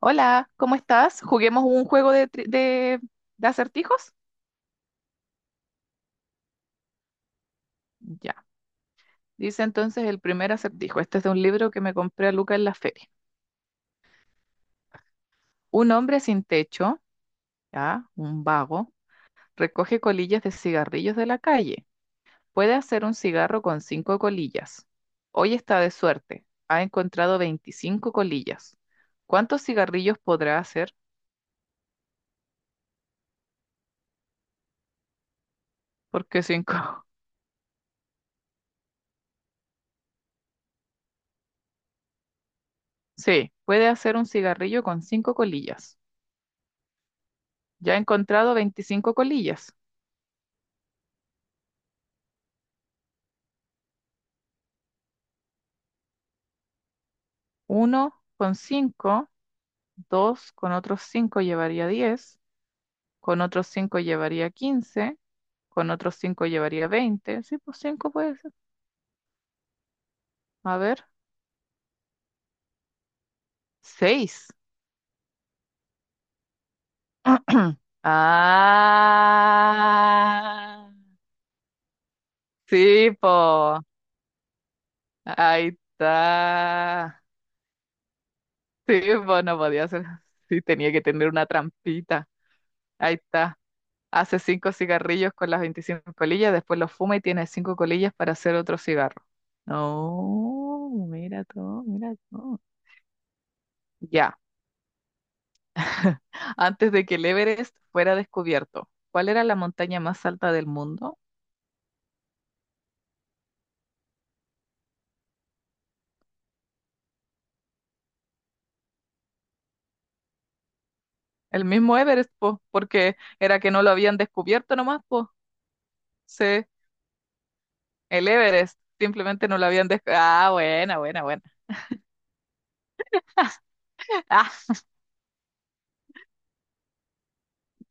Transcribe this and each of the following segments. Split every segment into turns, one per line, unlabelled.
Hola, ¿cómo estás? ¿Juguemos un juego de acertijos? Ya. Dice entonces el primer acertijo. Este es de un libro que me compré a Luca en la feria. Un hombre sin techo, ya, un vago, recoge colillas de cigarrillos de la calle. Puede hacer un cigarro con cinco colillas. Hoy está de suerte. Ha encontrado 25 colillas. ¿Cuántos cigarrillos podrá hacer? ¿Por qué cinco? Sí, puede hacer un cigarrillo con cinco colillas. Ya ha encontrado 25 colillas. Uno con 5, 2 con otros 5 llevaría 10, con otros 5 llevaría 15, con otros cinco llevaría 20. Sí, pues 5 puede ser. A ver, seis. Ah, sí, po. Ahí está. Sí, po, no podía ser. Sí, tenía que tener una trampita. Ahí está. Hace cinco cigarrillos con las 25 colillas, después los fuma y tiene cinco colillas para hacer otro cigarro. No, mira tú, mira tú. Ya, antes de que el Everest fuera descubierto, ¿cuál era la montaña más alta del mundo? El mismo Everest, po, porque era que no lo habían descubierto nomás, po. Sí, el Everest, simplemente no lo habían descubierto. Ah, buena, buena, buena. Ah,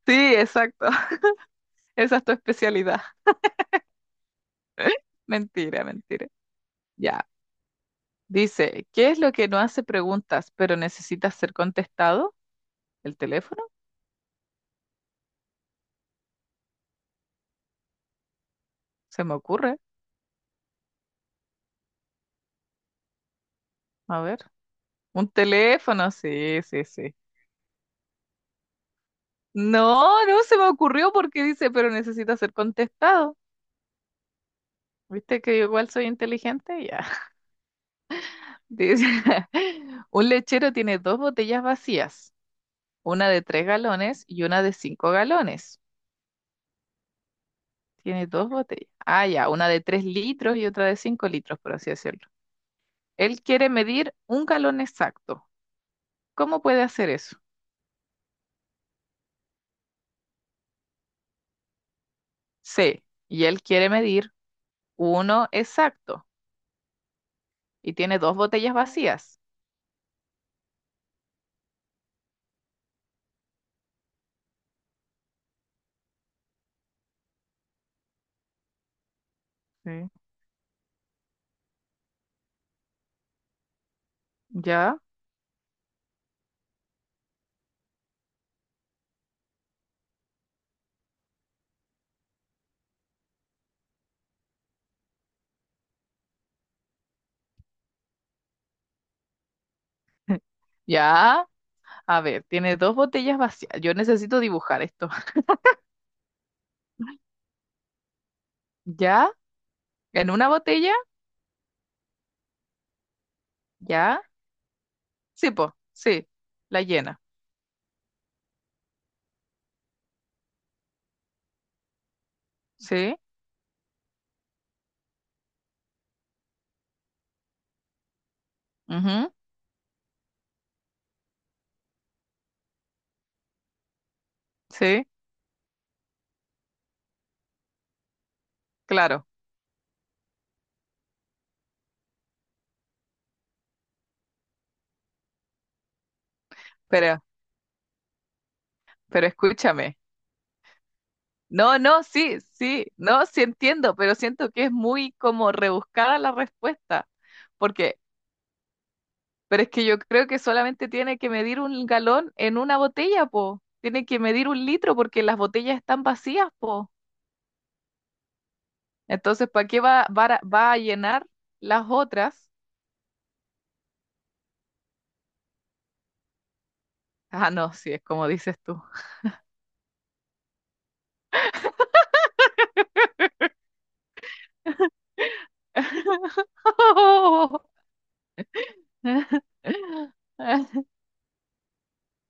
sí, exacto. Esa es tu especialidad. Mentira, mentira. Ya. Dice, ¿qué es lo que no hace preguntas, pero necesita ser contestado? ¿El teléfono? Se me ocurre. A ver. Un teléfono, sí, sí, sí. No, no se me ocurrió porque dice, pero necesita ser contestado. ¿Viste que yo igual soy inteligente? Ya. Dice, un lechero tiene dos botellas vacías, una de tres galones y una de cinco galones. Tiene dos botellas. Ah, ya, una de tres litros y otra de cinco litros, por así decirlo. Él quiere medir un galón exacto. ¿Cómo puede hacer eso? C. Y él quiere medir uno exacto y tiene dos botellas vacías. Sí. ¿Ya? Ya. A ver, tiene dos botellas vacías. Yo necesito dibujar esto. ¿Ya? ¿En una botella? ¿Ya? Sí, po. Sí. La llena. Sí. Ujú. Sí. Claro. Pero, pero escúchame. No, no, sí, sí. No, sí entiendo, pero siento que es muy como rebuscada la respuesta. Porque Pero es que yo creo que solamente tiene que medir un galón en una botella, po. Tiene que medir un litro porque las botellas están vacías, po. Entonces, ¿para qué va a llenar las otras? Ah, no, sí, es como dices tú.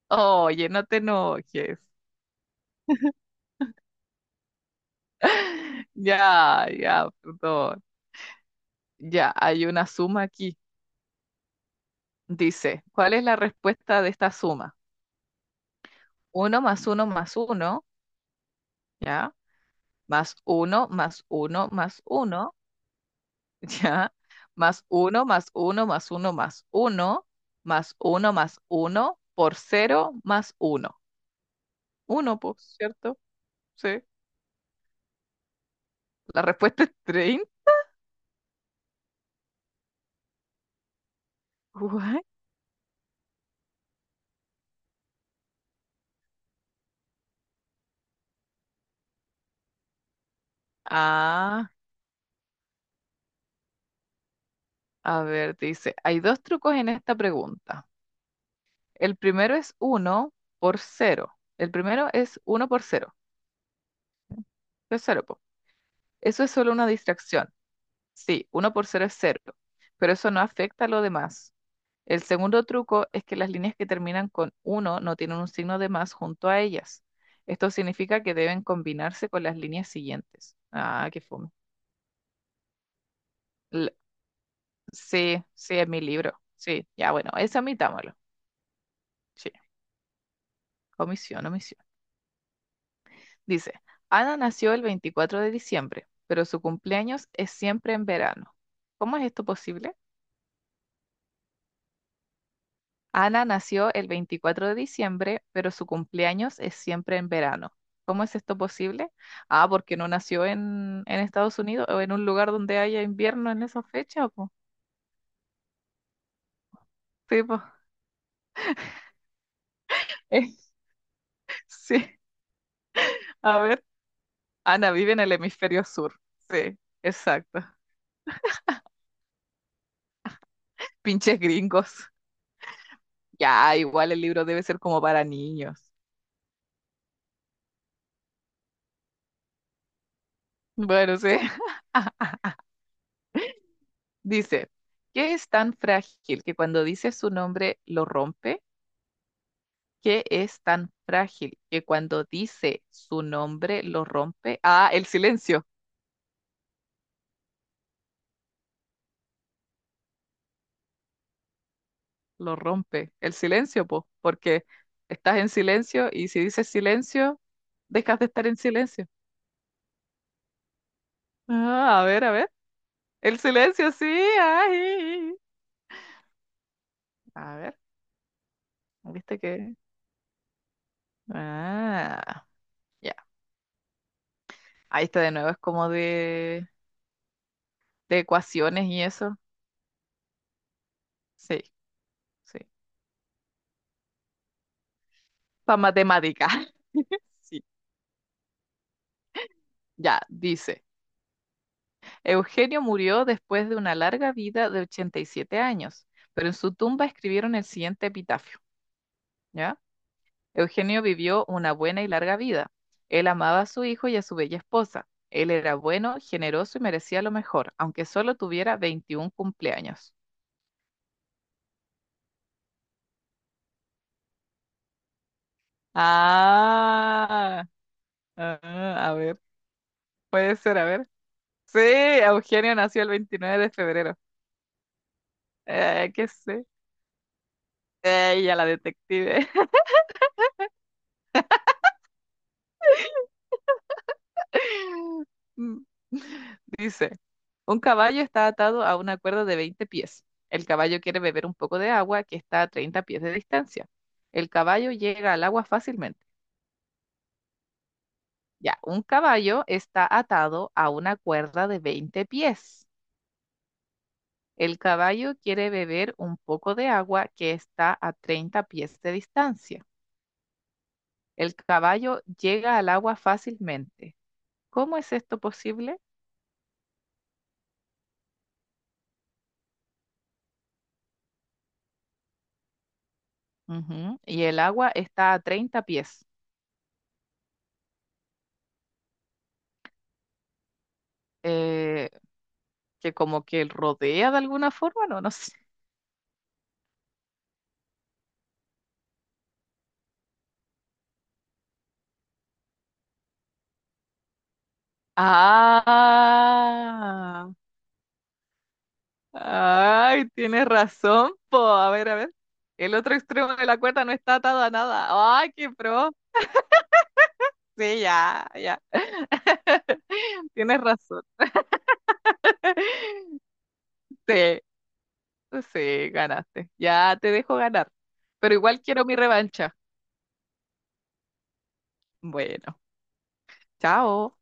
Oye, no te enojes. Ya, ya, perdón. Ya, hay una suma aquí. Dice, ¿cuál es la respuesta de esta suma? Uno más uno más uno, ¿ya? Más uno, más uno, más uno, ¿ya? Más uno, más uno, más uno, más uno, más uno, más uno, por cero, más uno. Uno, pues, ¿cierto? Sí. La respuesta es 30. Guay. Ah, a ver, dice, hay dos trucos en esta pregunta. El primero es uno por cero. El primero es uno por cero. Es cero, po. Eso es solo una distracción. Sí, uno por cero es cero, pero eso no afecta a lo demás. El segundo truco es que las líneas que terminan con uno no tienen un signo de más junto a ellas. Esto significa que deben combinarse con las líneas siguientes. Ah, qué fome. L- sí, sí, es mi libro. Sí, ya bueno, eso admitámoslo. Sí, omisión, omisión. Dice, Ana nació el 24 de diciembre, pero su cumpleaños es siempre en verano. ¿Cómo es esto posible? Ana nació el 24 de diciembre, pero su cumpleaños es siempre en verano. ¿Cómo es esto posible? Ah, porque no nació en Estados Unidos o en un lugar donde haya invierno en esa fecha, po. Sí, po. Sí. A ver, Ana vive en el hemisferio sur. Sí, exacto. Pinches gringos. Ya, igual el libro debe ser como para niños. Bueno, sí. Dice, ¿qué es tan frágil que cuando dice su nombre lo rompe? Que es tan frágil que cuando dice su nombre lo rompe. Ah, el silencio, lo rompe. El silencio, po, porque estás en silencio y si dices silencio, dejas de estar en silencio. Ah, a ver, a ver. El silencio, sí. Ay. A ver, ¿viste que? Ah, ya. Ahí está de nuevo, es como de ecuaciones y eso. Sí, sí. Para matemática. Sí, ya, dice. Eugenio murió después de una larga vida de 87 años, pero en su tumba escribieron el siguiente epitafio, ¿ya? Eugenio vivió una buena y larga vida. Él amaba a su hijo y a su bella esposa. Él era bueno, generoso y merecía lo mejor, aunque solo tuviera 21 cumpleaños. Ah, ah, a ver, puede ser, a ver. Sí, Eugenio nació el 29 de febrero. Qué sé. Ya la detective. Mm. Dice, un caballo está atado a una cuerda de 20 pies. El caballo quiere beber un poco de agua que está a 30 pies de distancia. El caballo llega al agua fácilmente. Ya, un caballo está atado a una cuerda de 20 pies. El caballo quiere beber un poco de agua que está a 30 pies de distancia. El caballo llega al agua fácilmente. ¿Cómo es esto posible? Ujú, y el agua está a 30 pies. eh, que como que rodea de alguna forma, no, no sé. Ah, ay, tienes razón, po. A ver, a ver. El otro extremo de la cuerda no está atado a nada. Ay, qué pro. Sí, ya, ya. Tienes razón. Sí, sí, ganaste. Ya te dejo ganar. Pero igual quiero mi revancha. Bueno, chao.